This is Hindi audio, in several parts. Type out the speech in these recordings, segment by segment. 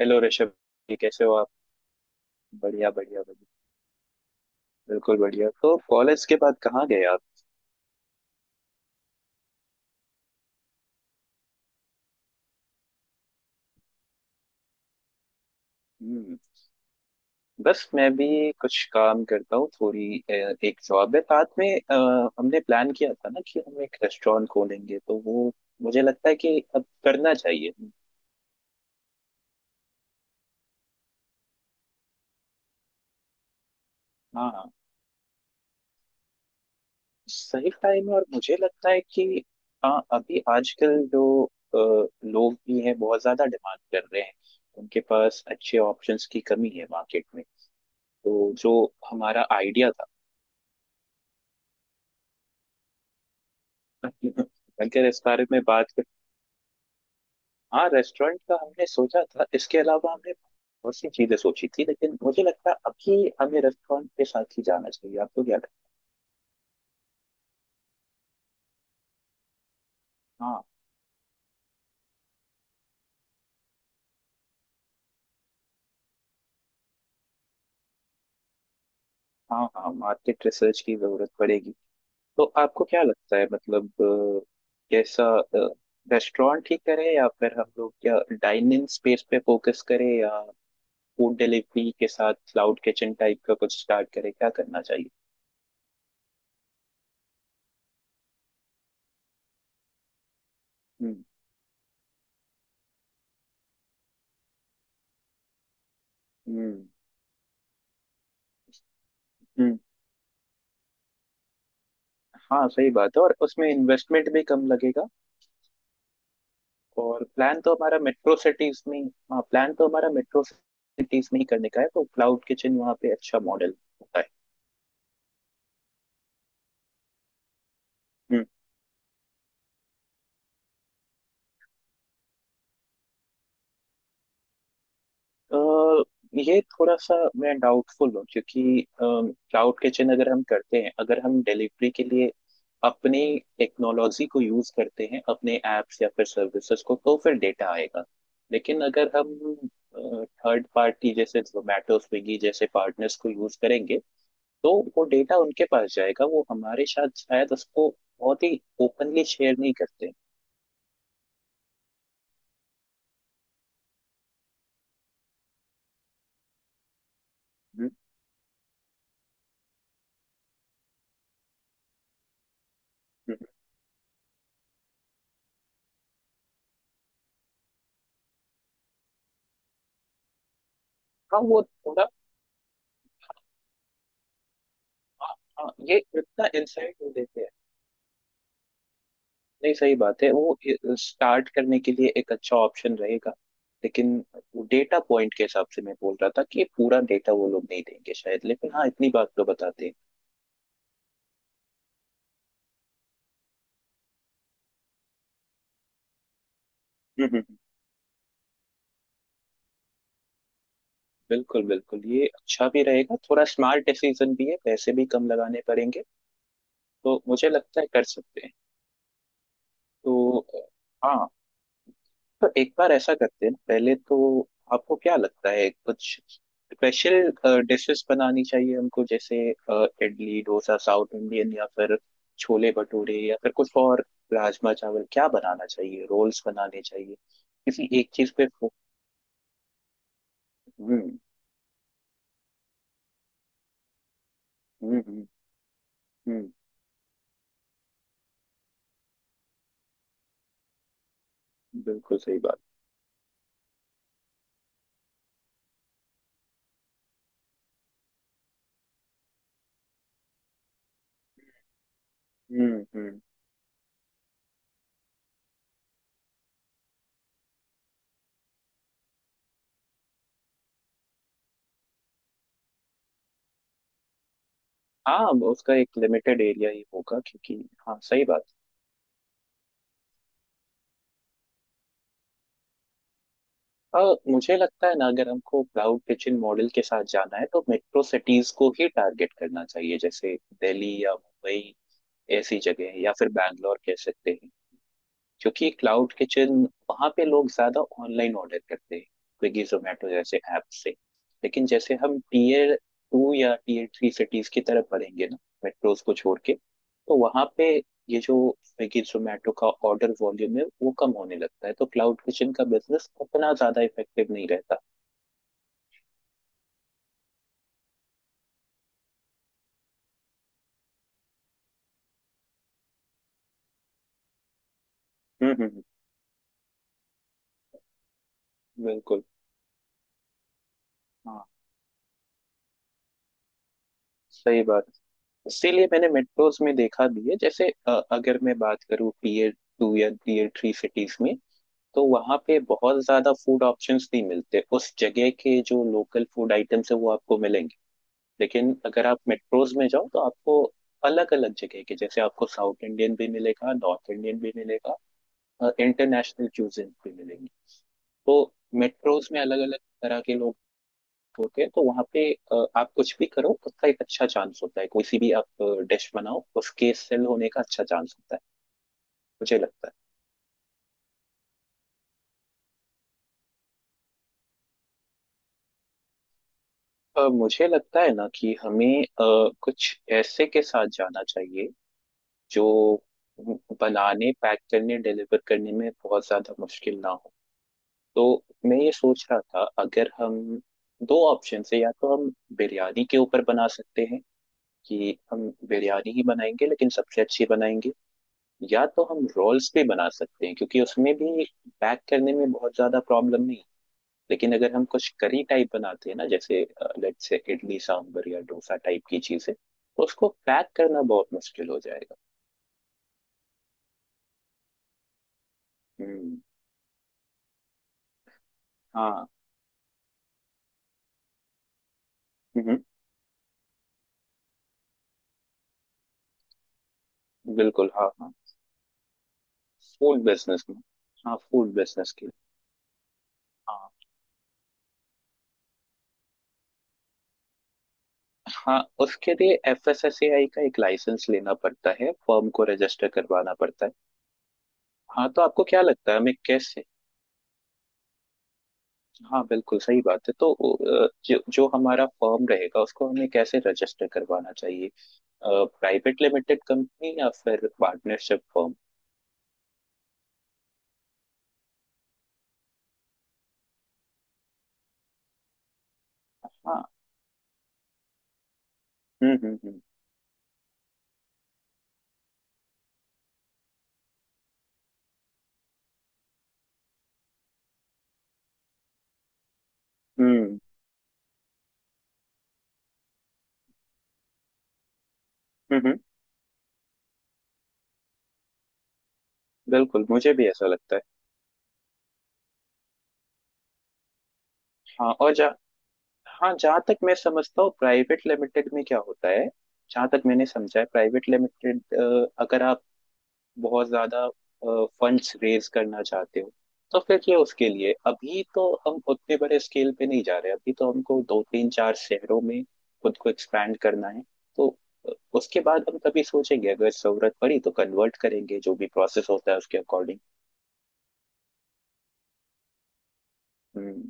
हेलो ऋषभ जी, कैसे हो आप? बढ़िया बढ़िया बढ़िया, बिल्कुल बढ़िया। तो कॉलेज के बाद कहाँ गए आप? हम्म बस मैं भी कुछ काम करता हूँ थोड़ी, एक जॉब है साथ में। हमने प्लान किया था ना कि हम एक रेस्टोरेंट खोलेंगे, तो वो मुझे लगता है कि अब करना चाहिए। हाँ सही टाइम है और मुझे लगता है कि हाँ अभी आजकल जो लोग भी हैं बहुत ज्यादा डिमांड कर रहे हैं। उनके पास अच्छे ऑप्शंस की कमी है मार्केट में, तो जो हमारा आइडिया था अगर इस बारे में बात कर। हाँ, रेस्टोरेंट का हमने सोचा था। इसके अलावा हमने बहुत सी चीजें सोची थी, लेकिन मुझे लगता है अभी हमें रेस्टोरेंट के साथ ही जाना चाहिए। आपको क्या लगता है? हाँ हाँ हाँ, मार्केट रिसर्च की जरूरत पड़ेगी। तो आपको क्या लगता है, मतलब, कैसा रेस्टोरेंट ही करें, या फिर हम लोग क्या डाइनिंग स्पेस पे फोकस करें, या फूड डिलीवरी के साथ क्लाउड किचन टाइप का कुछ स्टार्ट करें? क्या करना चाहिए? हम्म हम्म। हाँ सही बात है और उसमें इन्वेस्टमेंट भी कम लगेगा। और प्लान तो हमारा मेट्रो सिटीज में, हाँ प्लान तो हमारा मेट्रो सिटीज में ही करने का है, तो क्लाउड किचन वहाँ पे अच्छा मॉडल होता है। हम्म। अ, ये थोड़ा सा मैं डाउटफुल हूँ, क्योंकि क्लाउड किचन अगर हम करते हैं, अगर हम डिलीवरी के लिए अपनी टेक्नोलॉजी को यूज करते हैं, अपने एप्स या फिर सर्विसेज को, तो फिर डेटा आएगा। लेकिन अगर हम थर्ड पार्टी जैसे जोमेटो स्विगी जैसे पार्टनर्स को यूज करेंगे, तो वो डेटा उनके पास जाएगा। वो हमारे साथ शायद उसको बहुत ही ओपनली शेयर नहीं करते। हम्म, हम्म। हाँ वो थोड़ा, हाँ, हाँ, ये इतना इंसाइट वो देते हैं। नहीं सही बात है, वो स्टार्ट करने के लिए एक अच्छा ऑप्शन रहेगा। लेकिन डेटा पॉइंट के हिसाब से मैं बोल रहा था कि पूरा डेटा वो लोग नहीं देंगे शायद, लेकिन हाँ इतनी बात तो बताते हैं। हम्म, हम्म। हम्म। बिल्कुल बिल्कुल, ये अच्छा भी रहेगा, थोड़ा स्मार्ट डिसीजन भी है, पैसे भी कम लगाने पड़ेंगे। तो मुझे लगता है कर सकते हैं। तो हाँ, तो एक बार ऐसा करते हैं पहले तो। आपको क्या लगता है कुछ स्पेशल डिशेस बनानी चाहिए हमको? जैसे इडली डोसा साउथ इंडियन, या फिर छोले भटूरे, या फिर कुछ और, राजमा चावल, क्या बनाना चाहिए? रोल्स बनाने चाहिए? किसी एक चीज पे हम्म हम्म। हम्म, बिल्कुल सही बात। हम्म। हाँ वो उसका एक लिमिटेड एरिया ही होगा, क्योंकि हाँ सही बात। और मुझे लगता है ना अगर हमको क्लाउड किचन मॉडल के साथ जाना है तो मेट्रो सिटीज को ही टारगेट करना चाहिए, जैसे दिल्ली या मुंबई ऐसी जगह, या फिर बैंगलोर कह सकते हैं। क्योंकि क्लाउड किचन वहाँ पे लोग ज्यादा ऑनलाइन ऑर्डर करते हैं स्विगी जोमेटो जैसे ऐप से। लेकिन जैसे हम टीयर टू या टीयर थ्री सिटीज की तरफ बढ़ेंगे ना, मेट्रोज को छोड़ के, तो वहाँ पे ये जो स्विगी जोमेटो का ऑर्डर वॉल्यूम है वो कम होने लगता है, तो क्लाउड किचन का बिजनेस उतना ज्यादा इफेक्टिव नहीं रहता। हम्म हम्म, हम्म, बिल्कुल। हाँ सही बात। इसीलिए मैंने मेट्रोज में देखा भी है, जैसे अगर मैं बात करूँ टीयर टू या टीयर थ्री सिटीज में, तो वहाँ पे बहुत ज्यादा फूड ऑप्शंस नहीं मिलते, उस जगह के जो लोकल फूड आइटम्स है वो आपको मिलेंगे। लेकिन अगर आप मेट्रोज में जाओ तो आपको अलग अलग जगह के, जैसे आपको साउथ इंडियन भी मिलेगा, नॉर्थ इंडियन भी मिलेगा, इंटरनेशनल क्यूजिन भी मिलेंगी। तो मेट्रोज में अलग अलग तरह के कनेक्ट होते हैं, तो वहां पे आप कुछ भी करो उसका एक अच्छा चांस होता है, कोई सी भी आप डिश बनाओ उसके सेल होने का अच्छा चांस होता है। मुझे लगता है मुझे लगता है ना कि हमें कुछ ऐसे के साथ जाना चाहिए जो बनाने, पैक करने, डिलीवर करने में बहुत ज्यादा मुश्किल ना हो। तो मैं ये सोच रहा था अगर हम, दो ऑप्शन है, या तो हम बिरयानी के ऊपर बना सकते हैं कि हम बिरयानी ही बनाएंगे, लेकिन सबसे अच्छी बनाएंगे। या तो हम रोल्स भी बना सकते हैं, क्योंकि उसमें भी पैक करने में बहुत ज्यादा प्रॉब्लम नहीं। लेकिन अगर हम कुछ करी टाइप बनाते हैं ना, जैसे लेट्स से इडली सांभर या डोसा टाइप की चीजें, तो उसको पैक करना बहुत मुश्किल हो जाएगा। हम्म। हाँ। हम्म। बिल्कुल हाँ हाँ, फूड बिजनेस में, हाँ फूड बिजनेस के लिए। हाँ हाँ, उसके लिए F S S A I का एक लाइसेंस लेना पड़ता है, फर्म को रजिस्टर करवाना पड़ता है। हाँ तो आपको क्या लगता है हमें कैसे, हाँ बिल्कुल सही बात है। तो जो जो हमारा फर्म रहेगा उसको हमें कैसे रजिस्टर करवाना चाहिए? प्राइवेट लिमिटेड कंपनी या फिर पार्टनरशिप फर्म? हाँ। हम्म। हम्म हम्म, हम्म, बिल्कुल मुझे भी ऐसा लगता है। हाँ और जा, हाँ जहाँ तक मैं समझता हूँ प्राइवेट लिमिटेड में क्या होता है, जहाँ तक मैंने समझा है प्राइवेट लिमिटेड, अगर आप बहुत ज्यादा फंड्स रेज करना चाहते हो तो फिर ये उसके लिए। अभी तो हम उतने बड़े स्केल पे नहीं जा रहे, अभी तो हमको दो तीन चार शहरों में खुद को एक्सपैंड करना है। तो अ, उसके बाद हम तभी सोचेंगे, अगर जरूरत पड़ी तो कन्वर्ट करेंगे, जो भी प्रोसेस होता है उसके अकॉर्डिंग। हम्म।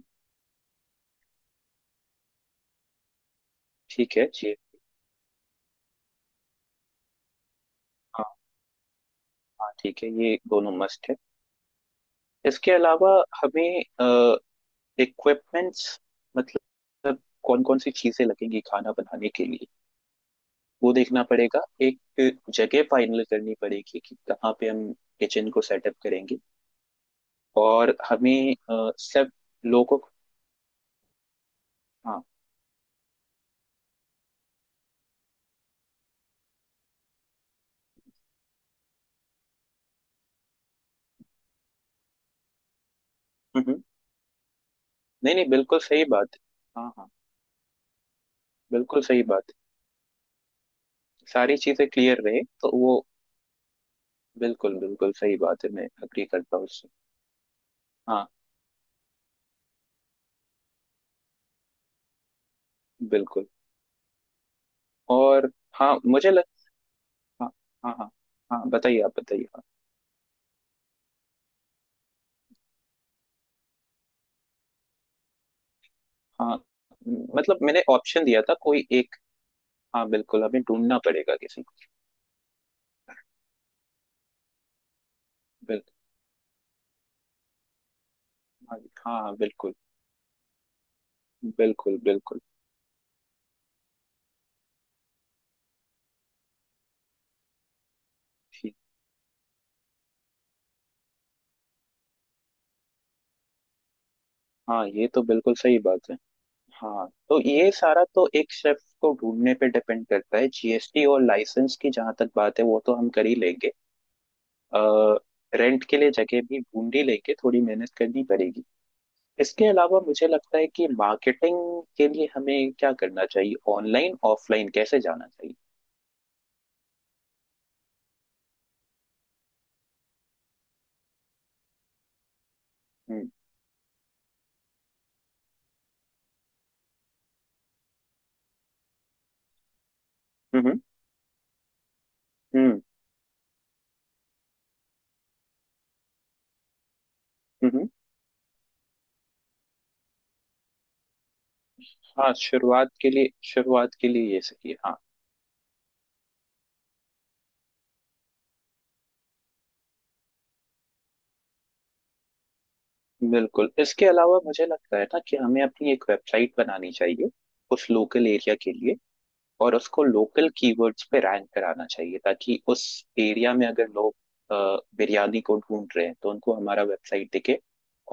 ठीक है जी। हाँ हाँ ठीक है, ये दोनों मस्ट है। इसके अलावा हमें इक्विपमेंट्स, मतलब कौन कौन सी चीजें लगेंगी खाना बनाने के लिए वो देखना पड़ेगा। एक जगह फाइनल करनी पड़ेगी कि कहाँ पे हम किचन को सेटअप करेंगे। और हमें सब लोगों को, हाँ। हम्म, हम्म। नहीं नहीं बिल्कुल सही बात है। हाँ हाँ। बिल्कुल सही बात है। सारी चीजें क्लियर रहे तो वो बिल्कुल बिल्कुल सही बात है, मैं अग्री करता हूँ उससे। हाँ बिल्कुल। और हाँ मुझे लग, हाँ, हाँ हाँ, हाँ बताइए आप बताइए, हाँ हाँ। मतलब मैंने ऑप्शन दिया था कोई एक। हाँ बिल्कुल हमें ढूंढना पड़ेगा किसी को। बिल्कुल, हाँ हाँ बिल्कुल। बिल्कुल बिल्कुल। ठीक। हाँ ये तो बिल्कुल सही बात है। हाँ तो ये सारा तो एक शेफ को ढूंढने पे डिपेंड करता है। जीएसटी और लाइसेंस की जहां तक बात है, वो तो हम कर ही लेंगे। आ, रेंट के लिए जगह भी ढूंढ ही लेंगे, थोड़ी मेहनत करनी पड़ेगी। इसके अलावा मुझे लगता है कि मार्केटिंग के लिए हमें क्या करना चाहिए? ऑनलाइन ऑफलाइन कैसे जाना चाहिए? हम्म। हम्म। हम्म हम्म, हम्म। हाँ शुरुआत के लिए, शुरुआत के लिए ये सही है, हाँ। बिल्कुल, इसके अलावा मुझे लगता है ना कि हमें अपनी एक वेबसाइट बनानी चाहिए उस लोकल एरिया के लिए। और उसको लोकल कीवर्ड्स पे रैंक कराना चाहिए ताकि उस एरिया में अगर लोग बिरयानी को ढूंढ रहे हैं तो उनको हमारा वेबसाइट दिखे।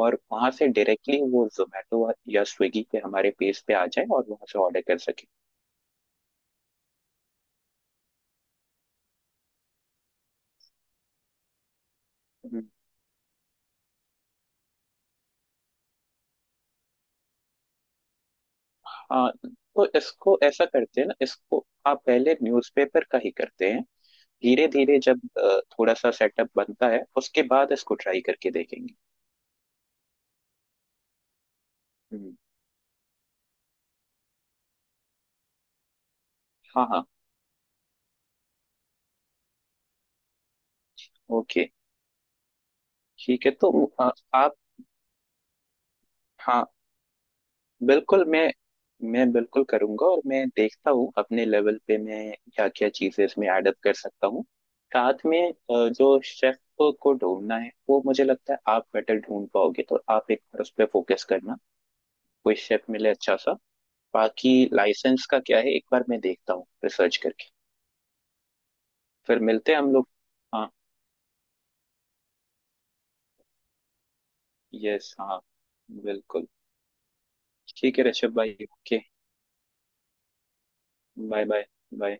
और वहां से डायरेक्टली वो जोमेटो या स्विगी पे हमारे पेज पे आ जाए और वहां से ऑर्डर कर सके। हम्म। हाँ तो इसको ऐसा करते हैं ना, इसको आप पहले न्यूज़पेपर का ही करते हैं, धीरे धीरे जब थोड़ा सा सेटअप बनता है उसके बाद इसको ट्राई करके देखेंगे। हम्म। हाँ हाँ। ओके। ठीक है, तो आप, हाँ। बिल्कुल, मैं बिल्कुल करूंगा, और मैं देखता हूँ अपने लेवल पे मैं क्या क्या चीजें इसमें ऐड अप कर सकता हूँ। साथ में, जो शेफ को ढूंढना है वो मुझे लगता है आप बेटर ढूंढ पाओगे, तो आप एक बार उस पर फोकस करना, कोई शेफ मिले अच्छा सा। बाकी लाइसेंस का क्या है, एक बार मैं देखता हूँ रिसर्च करके। फिर मिलते हैं हम लोग। हाँ। यस हाँ, बिल्कुल। ठीक है ऋषभ भाई, ओके। Bye bye bye.